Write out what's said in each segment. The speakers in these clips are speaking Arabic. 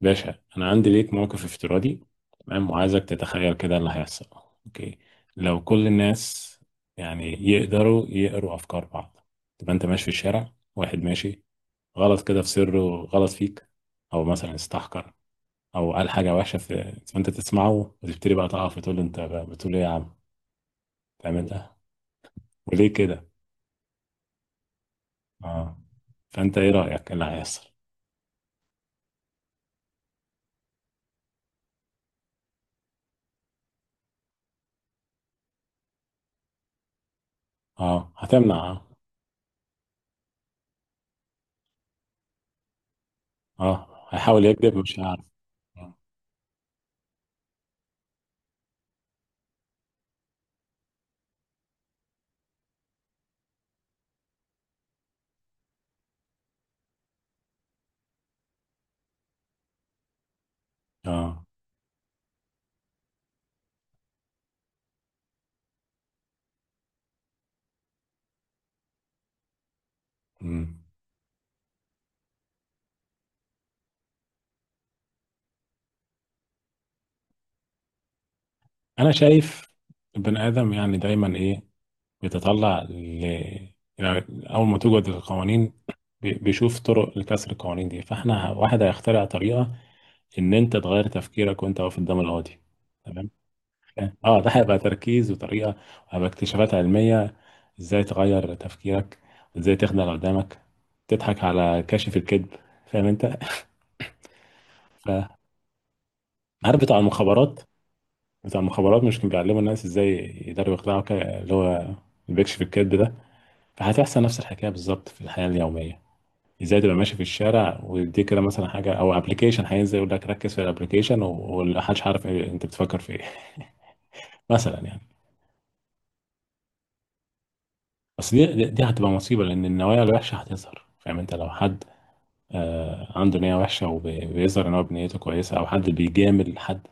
باشا، انا عندي ليك موقف افتراضي. تمام، وعايزك تتخيل كده اللي هيحصل. اوكي، لو كل الناس يعني يقدروا يقروا افكار بعض، تبقى انت ماشي في الشارع، واحد ماشي غلط كده في سره، غلط فيك او مثلا استحقر او قال حاجه وحشه في، فانت تسمعه وتبتدي بقى تقف وتقول له: انت بقى بتقول ايه يا عم؟ تعمل ده وليه كده؟ اه. فانت ايه رايك اللي هيحصل؟ اه، هتمنع. اه. اه، هيحاول يكذب مش هيعرف. اه. آه. مم. انا شايف البني ادم يعني دايما ايه، بيتطلع ل... يعني، اول ما توجد القوانين بيشوف طرق لكسر القوانين دي، فاحنا واحد هيخترع طريقه ان انت تغير تفكيرك وانت واقف قدام القاضي. تمام. اه، ده هيبقى تركيز وطريقه، وهيبقى اكتشافات علميه ازاي تغير تفكيرك وازاي تخدع اللي قدامك، تضحك على كاشف الكذب. فاهم انت؟ فعارف بتاع المخابرات بتاع المخابرات مش كان بيعلموا الناس ازاي يقدروا يخدعوا كده، اللي هو البيكش في الكذب ده؟ فهتحصل نفس الحكايه بالظبط في الحياه اليوميه. ازاي تبقى ماشي في الشارع ويديك كده مثلا حاجه او ابلكيشن هينزل يقول لك ركز في الابلكيشن، ومحدش عارف إيه انت بتفكر في ايه. مثلا يعني. بس دي هتبقى مصيبه، لان النوايا الوحشه هتظهر. فاهم انت؟ لو حد آه عنده نيه وحشه وبيظهر ان هو بنيته كويسه، او حد بيجامل حد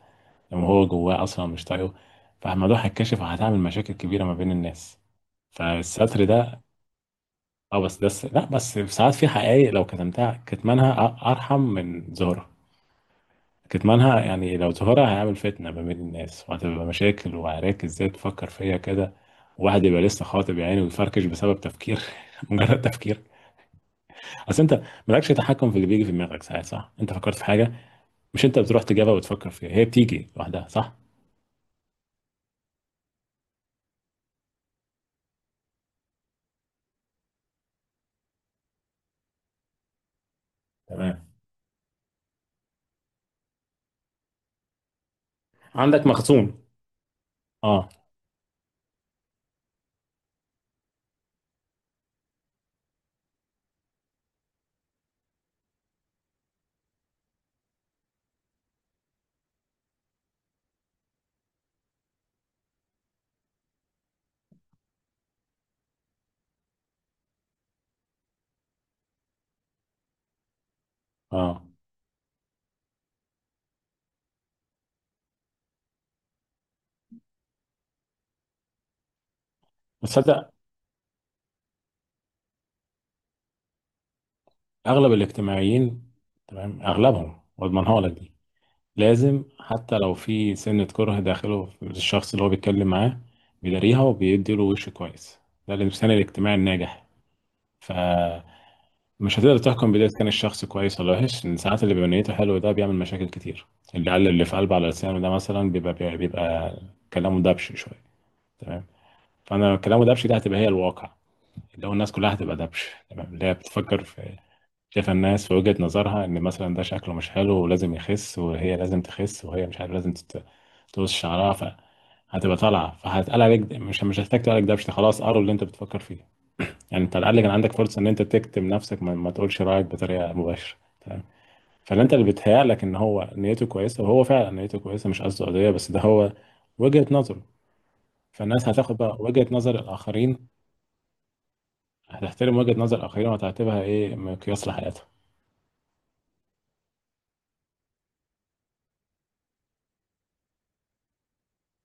لما هو جواه اصلا مش طايقه، فالموضوع هيتكشف وهتعمل مشاكل كبيره ما بين الناس. فالستر ده. اه، بس ده لا، بس ساعات في حقائق لو كتمتها، كتمانها ارحم من ظهورها. كتمانها يعني، لو ظهرها هيعمل فتنة ما بين الناس، وهتبقى مشاكل وعراك. ازاي تفكر فيا كده؟ واحد يبقى لسه خاطب يعني ويفركش بسبب تفكير؟ مجرد تفكير. اصل انت مالكش تحكم في اللي بيجي في دماغك ساعات، صح؟ انت فكرت في حاجة، مش انت بتروح تجيبها وتفكر فيها، هي بتيجي لوحدها، صح؟ تمام، عندك مخزون. اه. اه. بتصدق؟ اغلب الاجتماعيين، تمام، اغلبهم، واضمنها لك دي. لازم حتى لو في سنة كره داخله في الشخص اللي هو بيتكلم معاه، بيداريها وبيدي له وش كويس. ده الإنسان الاجتماعي الناجح. فمش هتقدر تحكم بداية كان الشخص كويس ولا وحش، إن ساعات اللي بيبقى نيته حلوة ده بيعمل مشاكل كتير. اللي قال اللي في قلبه على لسانه ده مثلا بيبقى كلامه دبش شوية. تمام. فأنا كلامه دبش دي هتبقى هي الواقع، اللي هو الناس كلها هتبقى دبش. تمام، اللي هي بتفكر في، شايف الناس في وجهة نظرها ان مثلا ده شكله مش حلو ولازم يخس، وهي لازم تخس، وهي مش عارف لازم تقص شعرها، فهتبقى طالعه، فهتقال عليك مش هتحتاج تقول عليك ده، مش خلاص قروا اللي انت بتفكر فيه. يعني انت على الاقل كان عندك فرصه ان انت تكتم نفسك، ما تقولش رايك بطريقه مباشره. تمام. فاللي انت، اللي بيتهيأ لك ان هو نيته كويسه وهو فعلا نيته كويسه، مش قصده قضيه، بس ده هو وجهة نظره. فالناس هتاخد بقى وجهة نظر الاخرين. هتحترم وجهة نظر الاخرين وهتعتبرها ايه، مقياس لحياتها.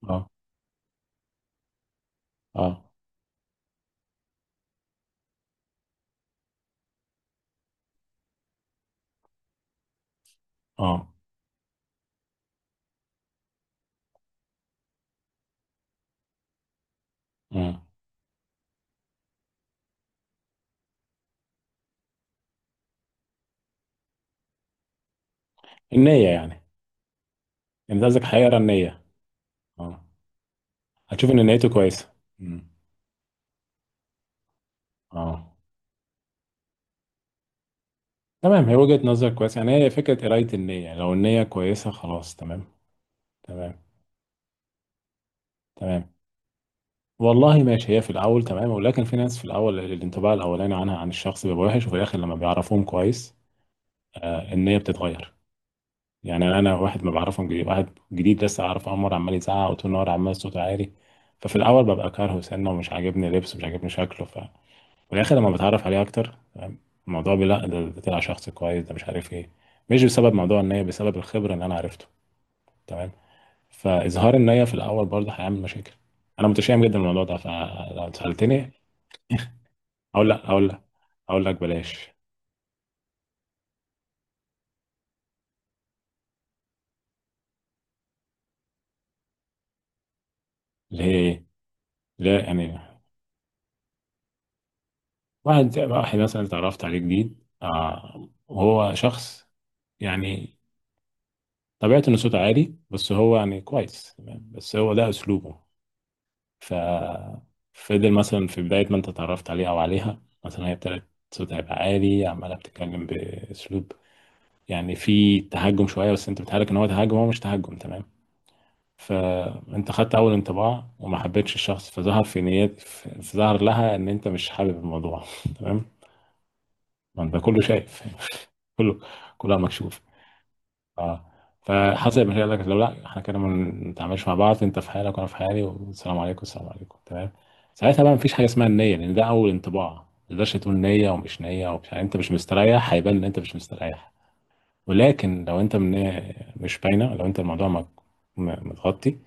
اه. اه. اه. مم. النية يعني. انت قصدك هيقرا النية؟ اه، هتشوف ان نيته كويسة. مم. اه. تمام، هي وجهة نظر كويسة يعني، هي فكرة قراية النية. يعني لو النية كويسة خلاص. تمام. تمام. تمام. والله ماشي، هي في الأول تمام، ولكن في ناس في الأول الانطباع الأولاني عنها، عن الشخص، بيبقى وحش، وفي الآخر لما بيعرفوهم كويس، آه، النية بتتغير. يعني أنا واحد ما بعرفهم جديد، واحد جديد لسه أعرفه أول مرة، عمال يزعق وطول النهار عمال صوته عالي. ففي الأول ببقى كارهه سنة ومش عاجبني لبسه مش عاجبني شكله. في الاخر لما بتعرف عليه اكتر، فاهم؟ الموضوع لا، ده طلع شخص كويس، ده مش عارف ايه. مش بسبب موضوع النية، بسبب الخبرة اللي انا عرفته. تمام. فاظهار النية في الاول برضه هيعمل مشاكل. انا متشائم جدا بالموضوع ده. فلو سألتني، اقول لا، اقول لا، اقول لك بلاش. ليه؟ ايه؟ لا يعني، واحد واحد مثلا اتعرفت عليه جديد، آه، وهو شخص يعني طبيعته انه صوته عالي، بس هو يعني كويس. تمام، بس هو ده اسلوبه. ف فضل مثلا، في بداية ما انت اتعرفت عليها او عليها، مثلا هي ابتدت صوتها يبقى عالي، عمالة بتتكلم بأسلوب، يعني في تهجم شوية، بس انت بتهالك ان هو تهجم، هو مش تهجم. تمام. فانت خدت اول انطباع وما حبيتش الشخص، فظهر في نيات فظهر لها ان انت مش حابب الموضوع. تمام. ما انت كله شايف. كله، كلها مكشوف. اه. فحسب ما هي قال لك لو لا احنا كده ما نتعاملش مع بعض، انت في حالك وانا في حالي، والسلام عليكم، السلام عليكم. تمام. ساعتها بقى مفيش حاجه اسمها النيه، لان ده اول انطباع، ما تقدرش تقول نيه ومش نيه، ومش يعني انت مش مستريح هيبان ان انت مش مستريح. ولكن لو انت من، مش باينه، لو انت الموضوع متغطي،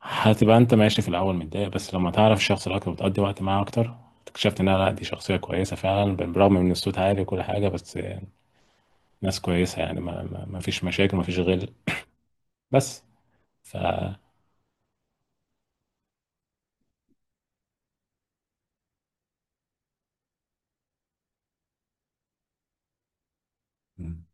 هتبقى انت ماشي في الاول متضايق، بس لما تعرف الشخص ده اكتر وتقضي وقت معاه اكتر، اكتشفت انها لا، دي شخصيه كويسه فعلا، بالرغم من الصوت عالي وكل حاجه. بس، ناس كويسه يعني، ما فيش مشاكل، ما فيش غل. بس. ف مم.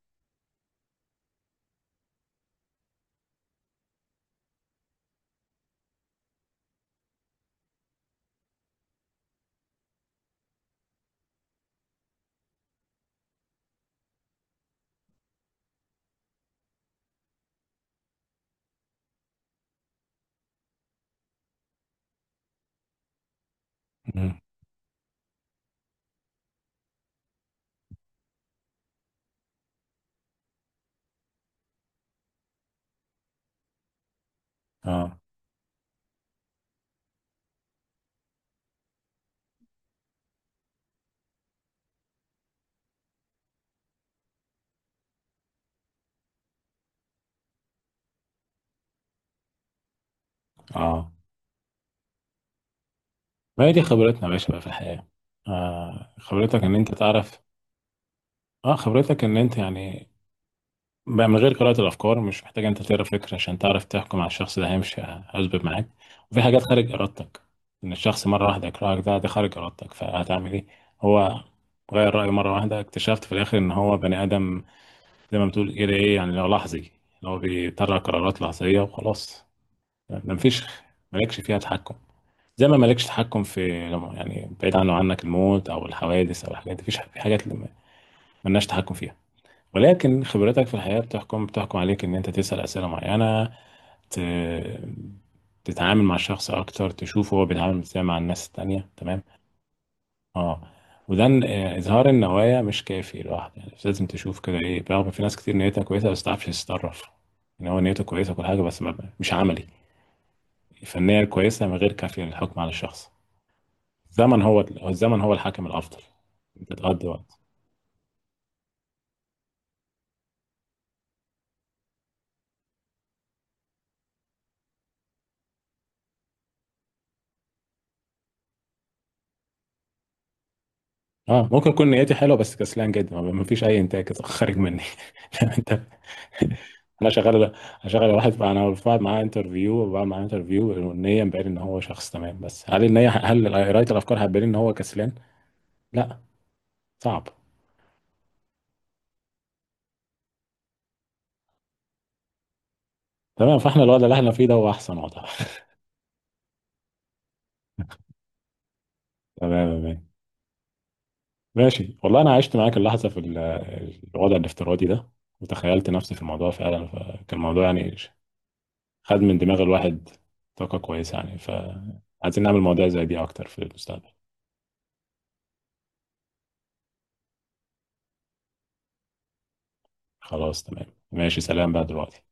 مم. اه. اه. ما هي دي خبرتنا يا باشا بقى في الحياة. آه، خبرتك ان انت تعرف. اه، خبرتك ان انت يعني، بقى من غير قراءة الافكار، مش محتاج انت تقرا فكرة عشان تعرف تحكم على الشخص ده هيمشي هيظبط معاك، وفي حاجات خارج ارادتك، ان الشخص مرة واحدة يكرهك ده خارج ارادتك، فهتعمل ايه؟ هو غير رأيه مرة واحدة، اكتشفت في الاخر ان هو بني ادم، زي ما بتقول كده ايه يعني، لو لحظي، اللي هو بيطلع قرارات لحظية وخلاص. ده مفيش، مالكش فيها تحكم، زي ما مالكش تحكم في، يعني بعيد عنه عنك، الموت او الحوادث او الحاجات دي، مفيش، في حاجات اللي مالناش تحكم فيها. ولكن خبرتك في الحياه بتحكم عليك ان انت تسال اسئله معينه، ت... تتعامل مع الشخص اكتر، تشوف هو بيتعامل ازاي مع الناس التانية. تمام. اه. وده آه، اظهار النوايا مش كافي لوحده، يعني لازم تشوف كده ايه، برغم في ناس كتير نيتها كويسه بس تعرفش تتصرف ان هو نيته كويسه وكل حاجه، بس مش عملي. الفنيه الكويسه من غير كافيه للحكم على الشخص. الزمن هو الزمن هو الحاكم الافضل. انت تقضي وقت. اه، ممكن يكون نيتي حلوه بس كسلان جدا، ما فيش اي انتاج خارج مني. لا، انت. انا شغال، شغال واحد، انا بعمل معاه انترفيو وبعمل معاه انترفيو، والنيه مبين ان هو شخص تمام، بس هل النيه، هل قرايه الافكار هتبين ان هو كسلان؟ لا. صعب. تمام، فاحنا الوضع اللي احنا فيه ده هو احسن وضع. تمام. تمام. ماشي والله، انا عشت معاك اللحظه في الوضع الافتراضي ده، وتخيلت نفسي في الموضوع فعلا، فكان الموضوع يعني خد من دماغ الواحد طاقة كويسة، يعني فعايزين نعمل مواضيع زي دي أكتر في المستقبل. خلاص. تمام. ماشي. سلام بقى دلوقتي.